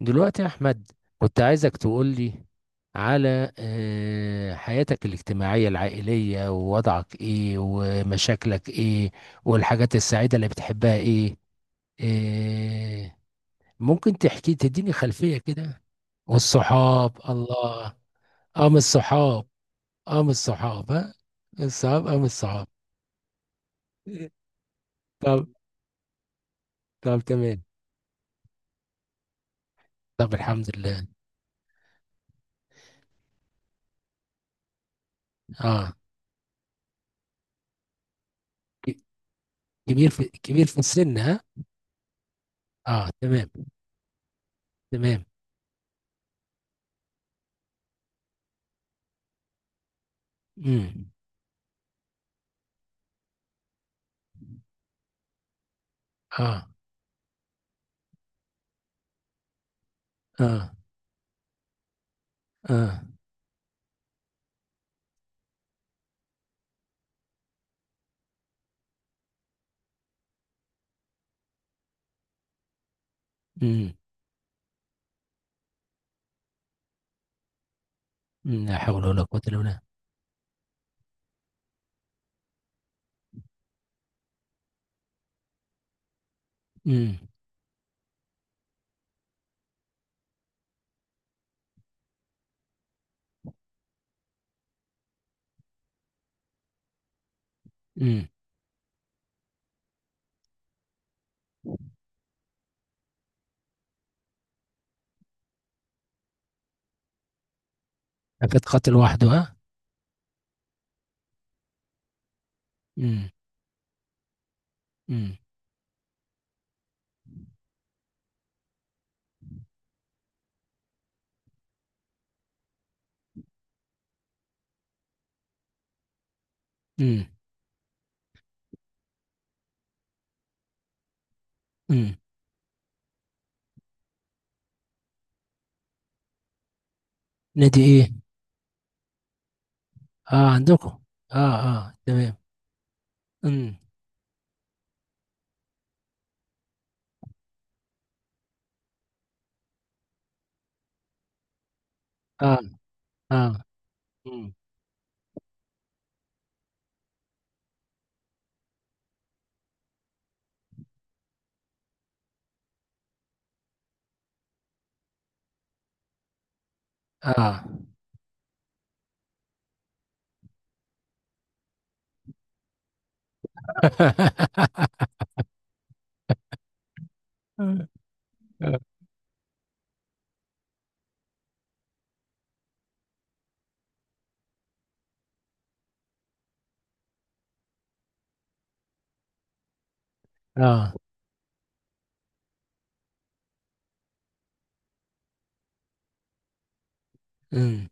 دلوقتي يا أحمد، كنت عايزك تقولي على حياتك الاجتماعية العائلية ووضعك إيه ومشاكلك إيه والحاجات السعيدة اللي بتحبها إيه. آه، ممكن تحكي تديني خلفية كده. والصحاب الله. أم الصحاب، أم الصحاب ها، الصحاب أم الصحاب. طب، طب تمام. طب الحمد لله. اه. ك- كبير، في السن ها. اه تمام. تمام. امم. اه، اه، اه. امم. أمم، لا حول ولا قوة الا بالله. امم. امم. كانت قتل وحده ها. امم. امم. امم. أمم. نادي ايه؟ اه عندكم. اه اه تمام. امم. اه. اه. امم. اه. اه. امم.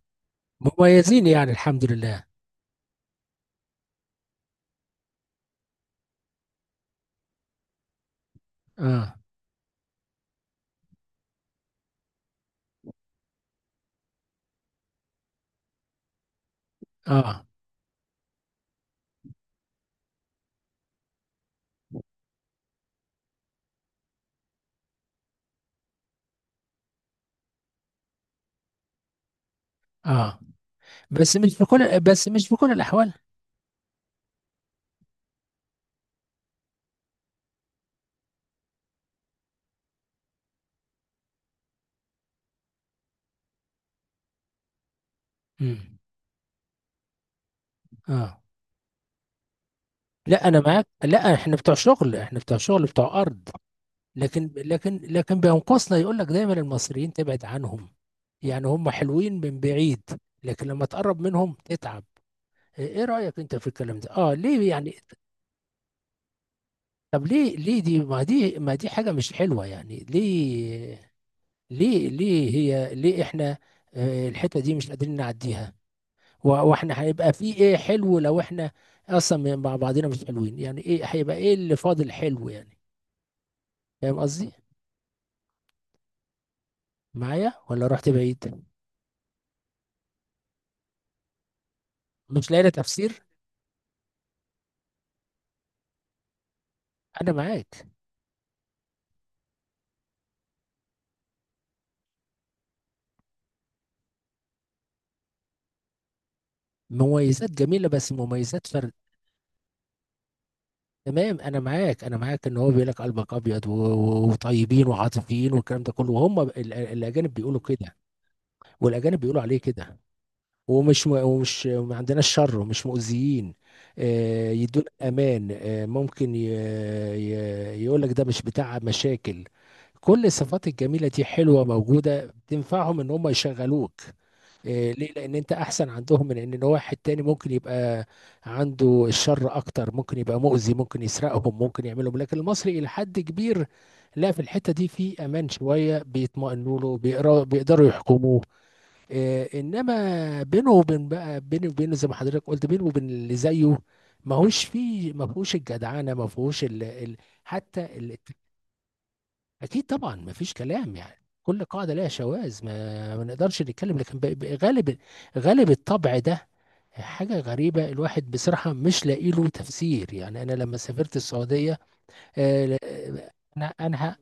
مميزين يعني الحمد لله. اه اه. اه. بس مش في كل الاحوال. امم. اه. لا انا معاك، لا، احنا بتوع شغل، احنا بتوع شغل، بتوع ارض. لكن بينقصنا، يقول لك دايما المصريين تبعد عنهم. يعني هم حلوين من بعيد، لكن لما تقرب منهم تتعب. ايه رأيك انت في الكلام ده؟ اه ليه يعني؟ طب ليه؟ دي ما دي حاجة مش حلوة يعني؟ ليه؟ هي ليه احنا الحتة دي مش قادرين نعديها؟ واحنا هيبقى في ايه حلو لو احنا اصلا مع بعضنا مش حلوين؟ يعني ايه هيبقى ايه اللي فاضل حلو يعني؟ فاهم قصدي؟ معايا ولا رحت بعيد؟ مش لاقي لها تفسير. انا معاك. مميزات جميله بس مميزات فرد. تمام انا معاك، ان هو بيقول لك قلبك ابيض وطيبين وعاطفيين والكلام ده كله، وهم الاجانب بيقولوا كده. والاجانب بيقولوا عليه كده. ومش ما عندناش شر ومش مؤذيين. يدون امان. يقول لك ده مش بتاع مشاكل. كل الصفات الجميله دي حلوه موجوده، تنفعهم ان هم يشغلوك. ليه؟ لان انت احسن عندهم من ان واحد تاني ممكن يبقى عنده الشر اكتر، ممكن يبقى مؤذي، ممكن يسرقهم، ممكن يعملهم. لكن المصري الى حد كبير لا، في الحتة دي في امان شوية، بيطمئنوا له، بيقدروا يحكموه. انما بينه وبينه، زي ما حضرتك قلت، بينه وبين اللي زيه ما هوش فيه، ما فيهوش الجدعنة، ما فيهوش حتى. اكيد طبعا، ما فيش كلام يعني. كل قاعده لها شواذ، ما نقدرش نتكلم، لكن غالب، غالب الطبع ده. حاجه غريبه، الواحد بصراحه مش لاقي له تفسير يعني. انا لما سافرت السعوديه آه، ل- آه، انا انا ه-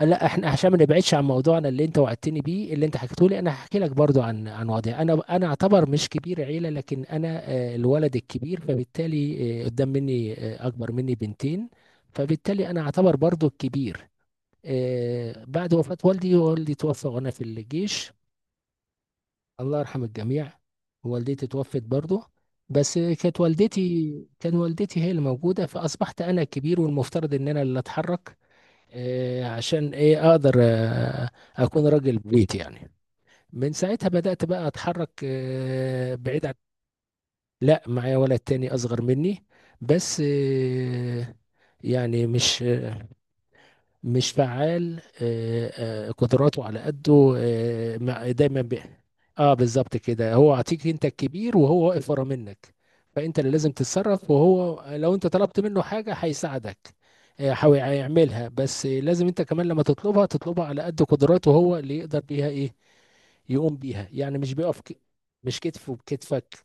لا، احنا عشان ما نبعدش عن موضوعنا اللي انت وعدتني بيه، اللي انت حكيته لي، انا هحكي لك برضو عن وضعي. انا اعتبر مش كبير عيله، لكن انا الولد الكبير، فبالتالي قدام مني اكبر مني بنتين، فبالتالي انا اعتبر برضو الكبير. بعد وفاة والدي، والدي توفى وأنا في الجيش. الله يرحم الجميع. والدتي توفت برضه، بس كانت والدتي، كان والدتي هي اللي موجودة، فأصبحت أنا الكبير، والمفترض إن أنا اللي أتحرك عشان أقدر أكون راجل بيت يعني. من ساعتها بدأت بقى أتحرك بعيد عن. لا، معايا ولد تاني أصغر مني، بس يعني مش، مش فعال. قدراته على قده. دايما اه بالظبط كده، هو عطيك انت الكبير وهو واقف ورا منك، فانت اللي لازم تتصرف. وهو لو انت طلبت منه حاجه هيساعدك، هو هيعملها. بس لازم انت كمان لما تطلبها، تطلبها على قد قدراته، هو اللي يقدر بيها ايه يقوم بيها يعني. مش مش كتفه بكتفك.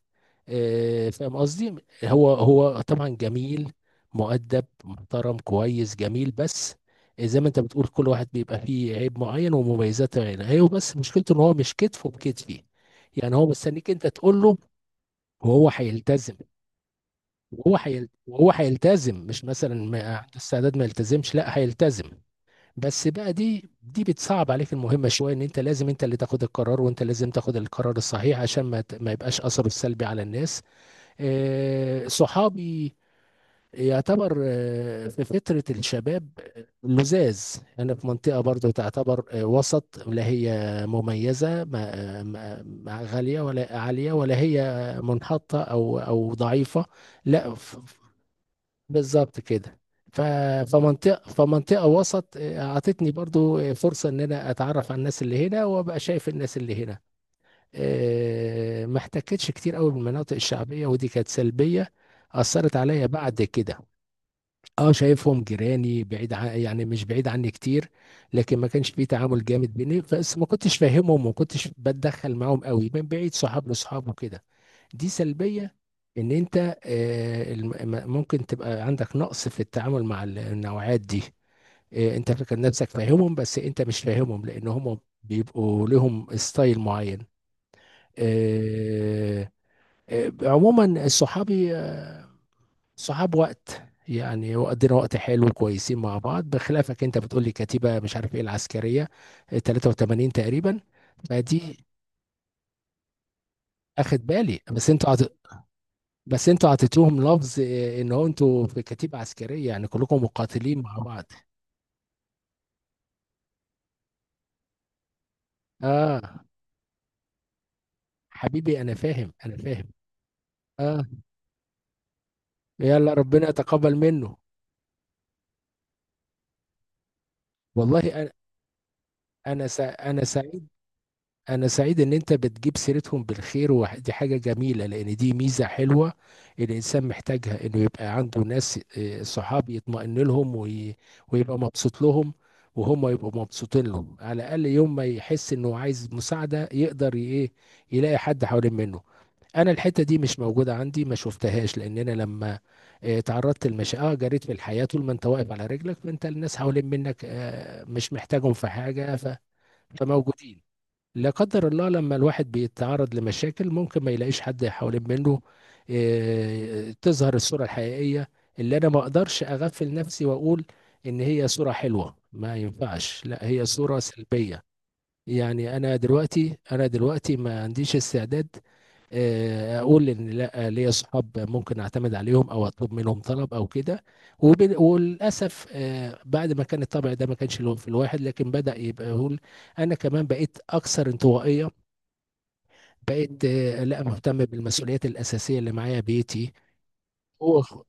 فاهم قصدي؟ هو طبعا جميل، مؤدب، محترم، كويس، جميل. بس زي ما انت بتقول، كل واحد بيبقى فيه عيب معين ومميزات معينة. هي بس مشكلته ان هو مش كتفه بكتفي، يعني هو مستنيك انت تقول له وهو هيلتزم. وهو هيلتزم، مش مثلا ما عنده استعداد ما يلتزمش، لا هيلتزم. بس بقى دي بتصعب عليك المهمة شوية، ان انت لازم انت اللي تاخد القرار، وانت لازم تاخد القرار الصحيح عشان ما يبقاش اثره السلبي على الناس. صحابي يعتبر في فترة الشباب لزاز. أنا في منطقة برضو تعتبر وسط، لا هي مميزة، ما غالية ولا عالية، ولا هي منحطة أو ضعيفة، لا. بالظبط كده. ف- فمنطقة وسط أعطتني برضو فرصة إن أنا أتعرف على الناس اللي هنا، وأبقى شايف الناس اللي هنا. ما احتكتش كتير قوي بالمناطق الشعبية، ودي كانت سلبية أثرت عليا بعد كده. اه، شايفهم جيراني، بعيد عن، يعني مش بعيد عني كتير، لكن ما كانش في تعامل جامد بيني. بس ما كنتش فاهمهم، وما كنتش بتدخل معاهم قوي، من بعيد صحاب لصحاب وكده. دي سلبية ان انت ممكن تبقى عندك نقص في التعامل مع النوعات دي. انت فاكر نفسك فاهمهم، بس انت مش فاهمهم، لان هم بيبقوا لهم ستايل معين. آه، عموما صحابي صحاب وقت يعني، وقضينا وقت حلو، كويسين مع بعض. بخلافك انت بتقول لي كتيبة، مش عارف ايه، العسكرية اه، 83 تقريبا. فدي، اخد بالي. بس انتوا عطيتوهم لفظ اه، ان هو انتوا في كتيبة عسكرية، يعني كلكم مقاتلين مع بعض. اه حبيبي، انا فاهم. انا فاهم اه، يلا ربنا يتقبل منه. والله انا، انا سعيد. أنا سعيد إن أنت بتجيب سيرتهم بالخير، ودي حاجة جميلة، لأن دي ميزة حلوة الإنسان محتاجها، إنه يبقى عنده ناس صحاب يطمئن لهم ويبقى مبسوط لهم، وهم يبقوا مبسوطين لهم. على الأقل يوم ما يحس إنه عايز مساعدة يقدر ي- إيه يلاقي حد حوالين منه. انا الحته دي مش موجوده عندي، ما شفتهاش، لان انا لما تعرضت لمشاكل اه، جريت في الحياه. طول ما انت واقف على رجلك فانت الناس حوالين منك مش محتاجهم في حاجه، فموجودين. لا قدر الله لما الواحد بيتعرض لمشاكل، ممكن ما يلاقيش حد حوالين منه. تظهر الصورة الحقيقية، اللي أنا ما أقدرش أغفل نفسي وأقول إن هي صورة حلوة. ما ينفعش، لا هي صورة سلبية. يعني أنا دلوقتي، ما عنديش استعداد أقول إن لا، ليا صحاب ممكن أعتمد عليهم أو أطلب منهم طلب أو كده. وللأسف بعد ما كان الطبع ده ما كانش له في الواحد، لكن بدأ يبقى يقول. انا كمان بقيت اكثر انطوائيه، بقيت لا مهتم بالمسؤوليات الأساسية اللي معايا، بيتي. هو خ-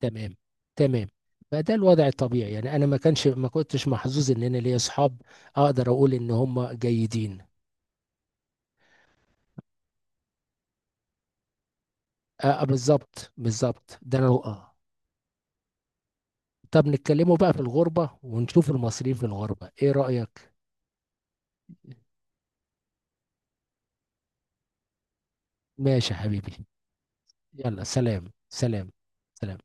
تمام، تمام. فده الوضع الطبيعي يعني، أنا ما كنتش محظوظ إن أنا ليا أصحاب أقدر أقول إن هم جيدين. بالظبط، ده أنا آه. طب نتكلموا بقى في الغربة، ونشوف المصريين في الغربة إيه رأيك؟ ماشي يا حبيبي. يلا سلام، سلام، سلام.